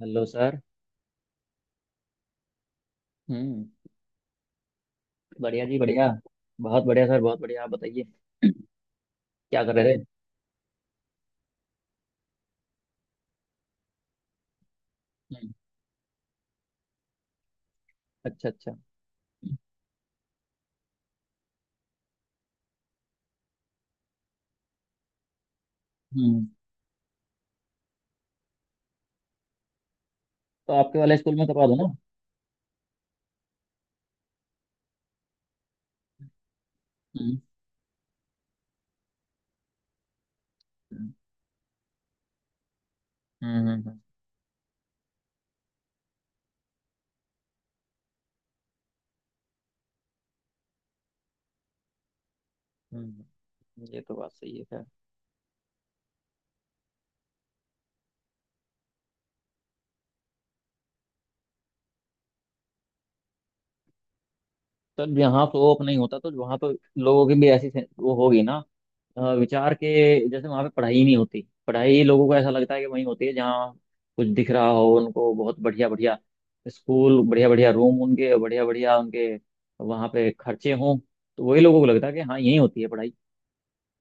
Hello sir. हम्म। बढ़िया जी, बढ़िया। बहुत बढ़िया सर, बहुत बढ़िया। आप बताइए, क्या कर रहे थे? हम्म, अच्छा अच्छा। हम्म। तो आपके वाले स्कूल में करवा दो ना। हम्म। हम्म। हम्म। ये तो बात सही है सर। सर यहाँ तो ओप नहीं होता, तो वहाँ तो लोगों की भी वो होगी ना। विचार के। जैसे वहां पे पढ़ाई ही नहीं होती, पढ़ाई लोगों को ऐसा लगता है कि वहीं होती है जहाँ कुछ दिख रहा हो उनको, बहुत बढ़िया बढ़िया स्कूल, बढ़िया बढ़िया रूम उनके, बढ़िया बढ़िया उनके वहां पे खर्चे हों। तो वही लोगों को लगता है कि हाँ, यहीं होती है पढ़ाई।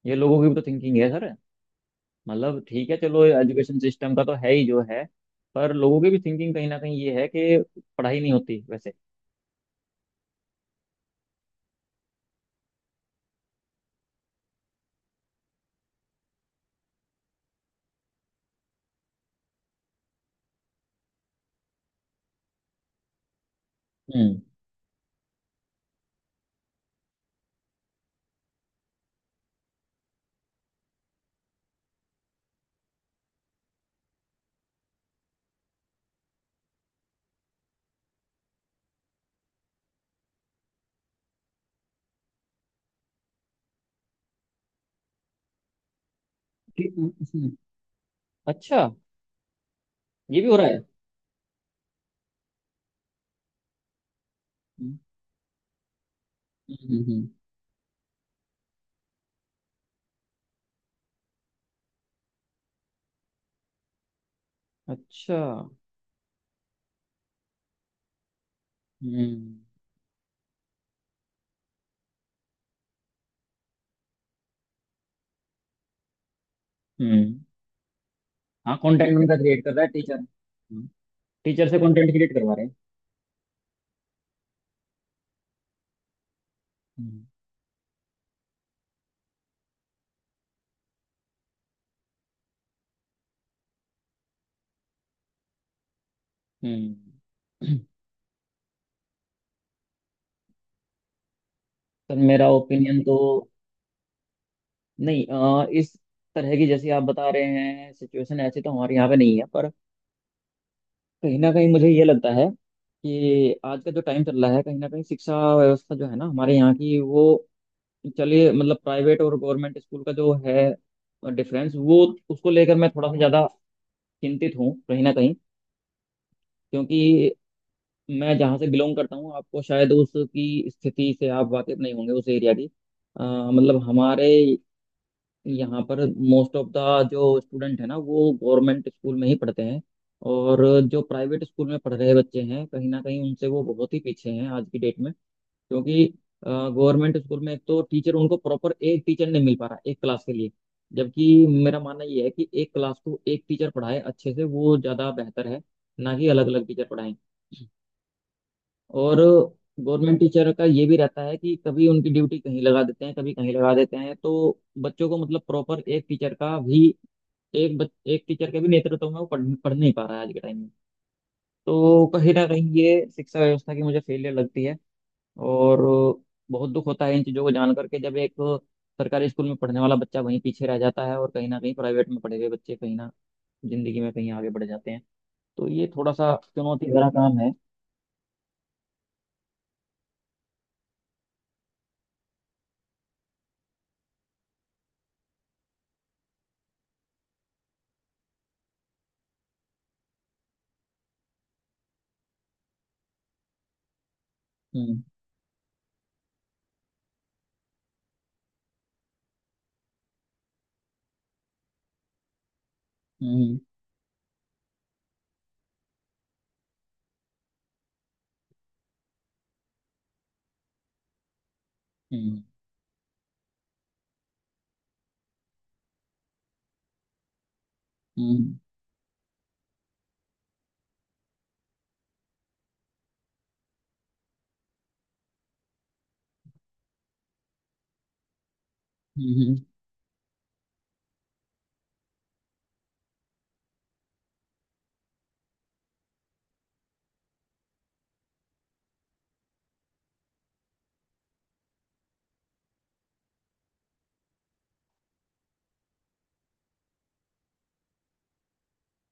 ये लोगों की भी तो थिंकिंग है सर। मतलब ठीक है, चलो एजुकेशन सिस्टम का तो है ही जो है, पर लोगों की भी थिंकिंग कहीं ना कहीं ये है कि पढ़ाई नहीं होती वैसे। हम्म। कि- हम्म, अच्छा। ये भी हो रहा है। हम्म, हम्म, हम्म, हम्म। अच्छा। हम्म। हम्म। हाँ, कंटेंट उनका क्रिएट कर रहा है टीचर। टीचर से कंटेंट क्रिएट करवा रहे हैं। हम्म। हम्म। सर मेरा ओपिनियन तो, नहीं इस तरह की जैसी आप बता रहे हैं सिचुएशन ऐसी तो हमारे यहाँ पे नहीं है, पर कहीं ना कहीं मुझे ये लगता है कि आज का जो टाइम चल रहा है कहीं ना कहीं शिक्षा व्यवस्था जो है ना हमारे यहाँ की वो, चलिए, मतलब प्राइवेट और गवर्नमेंट स्कूल का जो है डिफरेंस, वो उसको लेकर मैं थोड़ा सा ज़्यादा चिंतित हूँ कहीं ना कहीं। क्योंकि मैं जहाँ से बिलोंग करता हूँ आपको शायद उसकी स्थिति से आप वाकिफ नहीं होंगे उस एरिया की। अ, मतलब हमारे यहाँ पर मोस्ट ऑफ द जो स्टूडेंट है ना, वो गवर्नमेंट स्कूल में ही पढ़ते हैं, और जो प्राइवेट स्कूल में पढ़ रहे बच्चे हैं कहीं ना कहीं उनसे वो बहुत ही पीछे हैं आज की डेट में। क्योंकि गवर्नमेंट स्कूल में एक तो टीचर, उनको प्रॉपर एक टीचर नहीं मिल पा रहा एक क्लास के लिए। जबकि मेरा मानना ये है कि एक क्लास को एक टीचर पढ़ाए अच्छे से, वो ज़्यादा बेहतर है, ना कि अलग अलग टीचर पढ़ाएं। और गवर्नमेंट टीचर का ये भी रहता है कि कभी उनकी ड्यूटी कहीं लगा देते हैं, कभी कहीं लगा देते हैं, तो बच्चों को मतलब प्रॉपर एक टीचर का भी, एक टीचर के भी नेतृत्व में वो पढ़ नहीं पा रहा है आज के टाइम में। तो कहीं ना कहीं ये शिक्षा व्यवस्था की मुझे फेलियर लगती है। और बहुत दुख होता है इन चीज़ों को जान करके, जब एक सरकारी स्कूल में पढ़ने वाला बच्चा वहीं पीछे रह जाता है, और कहीं ना कहीं प्राइवेट में पढ़े हुए बच्चे कहीं ना, जिंदगी में कहीं आगे बढ़ जाते हैं। तो ये थोड़ा सा चुनौती भरा काम है। हम्म। हम्म। हम्म। हम्म। हम्म। हम्म।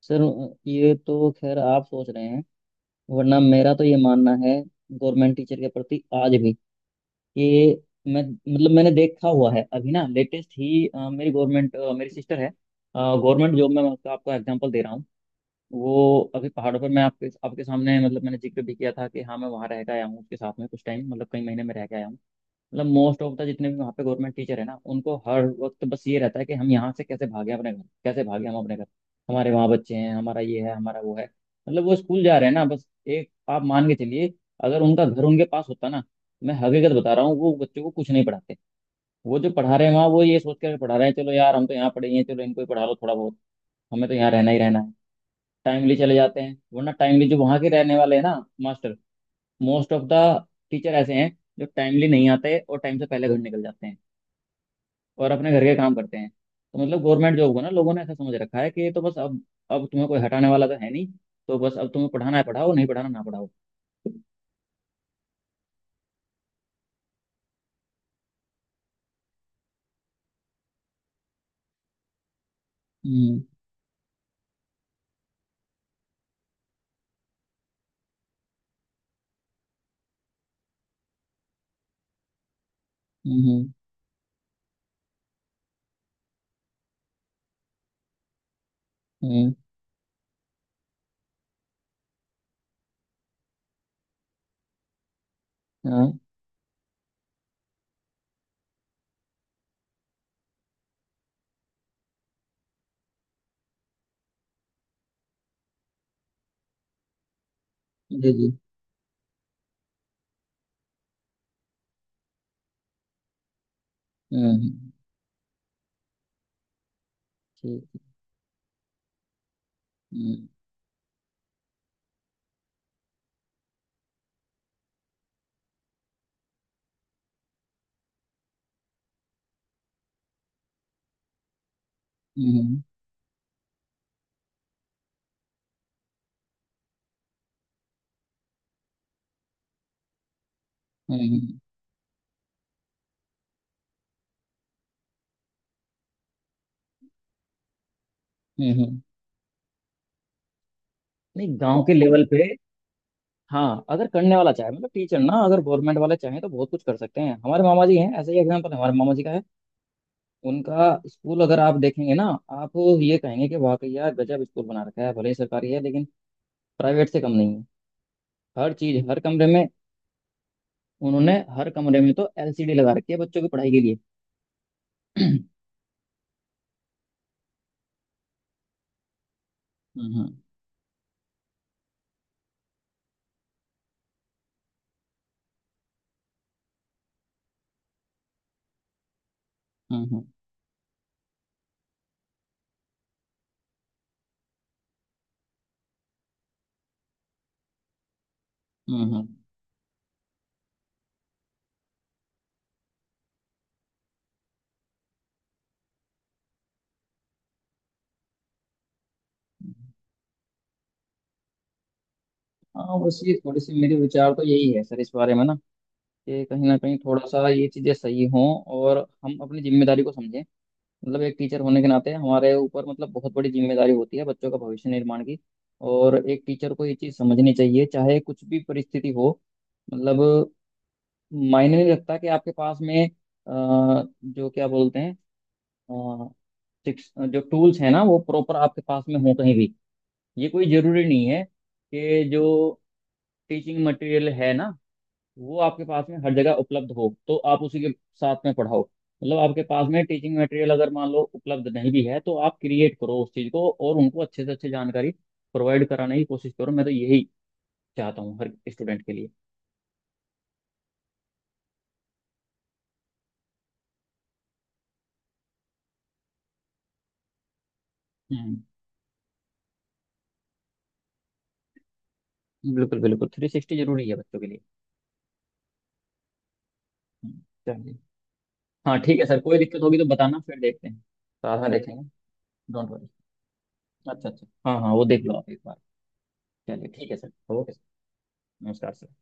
सर ये तो खैर आप सोच रहे हैं, वरना मेरा तो ये मानना है गवर्नमेंट टीचर के प्रति आज भी, कि मैं, मतलब मैंने देखा हुआ है अभी ना लेटेस्ट ही। मेरी गवर्नमेंट, मेरी सिस्टर है गवर्नमेंट जॉब में। मैं आपका आपको एग्जांपल दे रहा हूँ। वो अभी पहाड़ों पर, मैं आपके आपके सामने मतलब मैंने जिक्र भी किया था कि हाँ मैं वहाँ रह के आया हूँ उसके साथ में कुछ टाइम, मतलब कई महीने में रह के आया हूँ। मतलब मोस्ट ऑफ द जितने भी वहाँ पे गवर्नमेंट टीचर है ना, उनको हर वक्त बस ये रहता है कि हम यहाँ से कैसे भागे अपने घर, कैसे भागे हम अपने घर, हमारे वहाँ बच्चे हैं, हमारा ये है, हमारा वो है। मतलब वो स्कूल जा रहे हैं ना, बस एक आप मान के चलिए, अगर उनका घर उनके पास होता ना। मैं हकीकत बता रहा हूँ, वो बच्चों को कुछ नहीं पढ़ाते। वो जो पढ़ा रहे हैं वहाँ, वो ये सोच कर पढ़ा रहे हैं, चलो यार हम तो यहाँ पढ़े ही हैं, चलो इनको ही पढ़ा लो थोड़ा बहुत, हमें तो यहाँ रहना ही रहना है। टाइमली चले जाते हैं, वरना टाइमली जो वहाँ के रहने वाले हैं ना master, most of the teacher ऐसे हैं जो टाइमली नहीं आते और टाइम से पहले घर निकल जाते हैं, और अपने घर के काम करते हैं। तो मतलब गवर्नमेंट जॉब को ना लोगों ने ऐसा समझ रखा है कि ये तो बस अब तुम्हें कोई हटाने वाला तो है नहीं, तो बस अब तुम्हें पढ़ाना है, पढ़ाओ, नहीं पढ़ाना ना पढ़ाओ। हम्म। हम्म। हम्म। हाँ, जी जी। हम्म। ठीक। हम्म। हम्म। हम्म। हम्म। नहीं गांव के लेवल पे, हाँ अगर करने वाला चाहे, मतलब टीचर ना अगर गवर्नमेंट वाले चाहे तो बहुत कुछ कर सकते हैं। हमारे मामा जी हैं, ऐसा ही एग्जाम्पल हमारे मामा जी का है। उनका स्कूल अगर आप देखेंगे ना, आप ये कहेंगे कि वाकई यार गजब स्कूल बना रखा है, भले ही सरकारी है लेकिन प्राइवेट से कम नहीं है। हर चीज, हर कमरे में उन्होंने, हर कमरे में तो एलसीडी लगा रखी है बच्चों की पढ़ाई के लिए। हम्म। हम्म। हम्म। हम्म। हम्म। हाँ बस ये थोड़ी सी, मेरे विचार तो यही है सर इस बारे में ना, कि कहीं ना कहीं थोड़ा सा ये चीज़ें सही हों, और हम अपनी जिम्मेदारी को समझें। मतलब एक टीचर होने के नाते हमारे ऊपर मतलब बहुत बड़ी जिम्मेदारी होती है बच्चों का भविष्य निर्माण की। और एक टीचर को ये चीज़ समझनी चाहिए, चाहे कुछ भी परिस्थिति हो। मतलब मायने नहीं रखता कि आपके पास में, जो क्या बोलते हैं, सिक्स जो टूल्स है ना, वो प्रॉपर आपके पास में हो कहीं भी। ये कोई जरूरी नहीं है कि जो टीचिंग मटेरियल है ना वो आपके पास में हर जगह उपलब्ध हो, तो आप उसी के साथ में पढ़ाओ। मतलब आपके पास में टीचिंग मटेरियल अगर मान लो उपलब्ध नहीं भी है, तो आप क्रिएट करो उस चीज़ को, और उनको अच्छे से अच्छे जानकारी प्रोवाइड कराने की कोशिश करो। मैं तो यही चाहता हूँ हर स्टूडेंट के लिए। हम्म। बिल्कुल बिल्कुल, 360 जरूरी है बच्चों के लिए। हम्म, चलिए। हाँ ठीक है सर, कोई दिक्कत होगी तो बताना, फिर देखते हैं साथ में देखेंगे। Don't worry. अच्छा अच्छा, हाँ हाँ, वो देख लो आप एक बार। चलिए ठीक है सर, ओके सर, नमस्कार सर।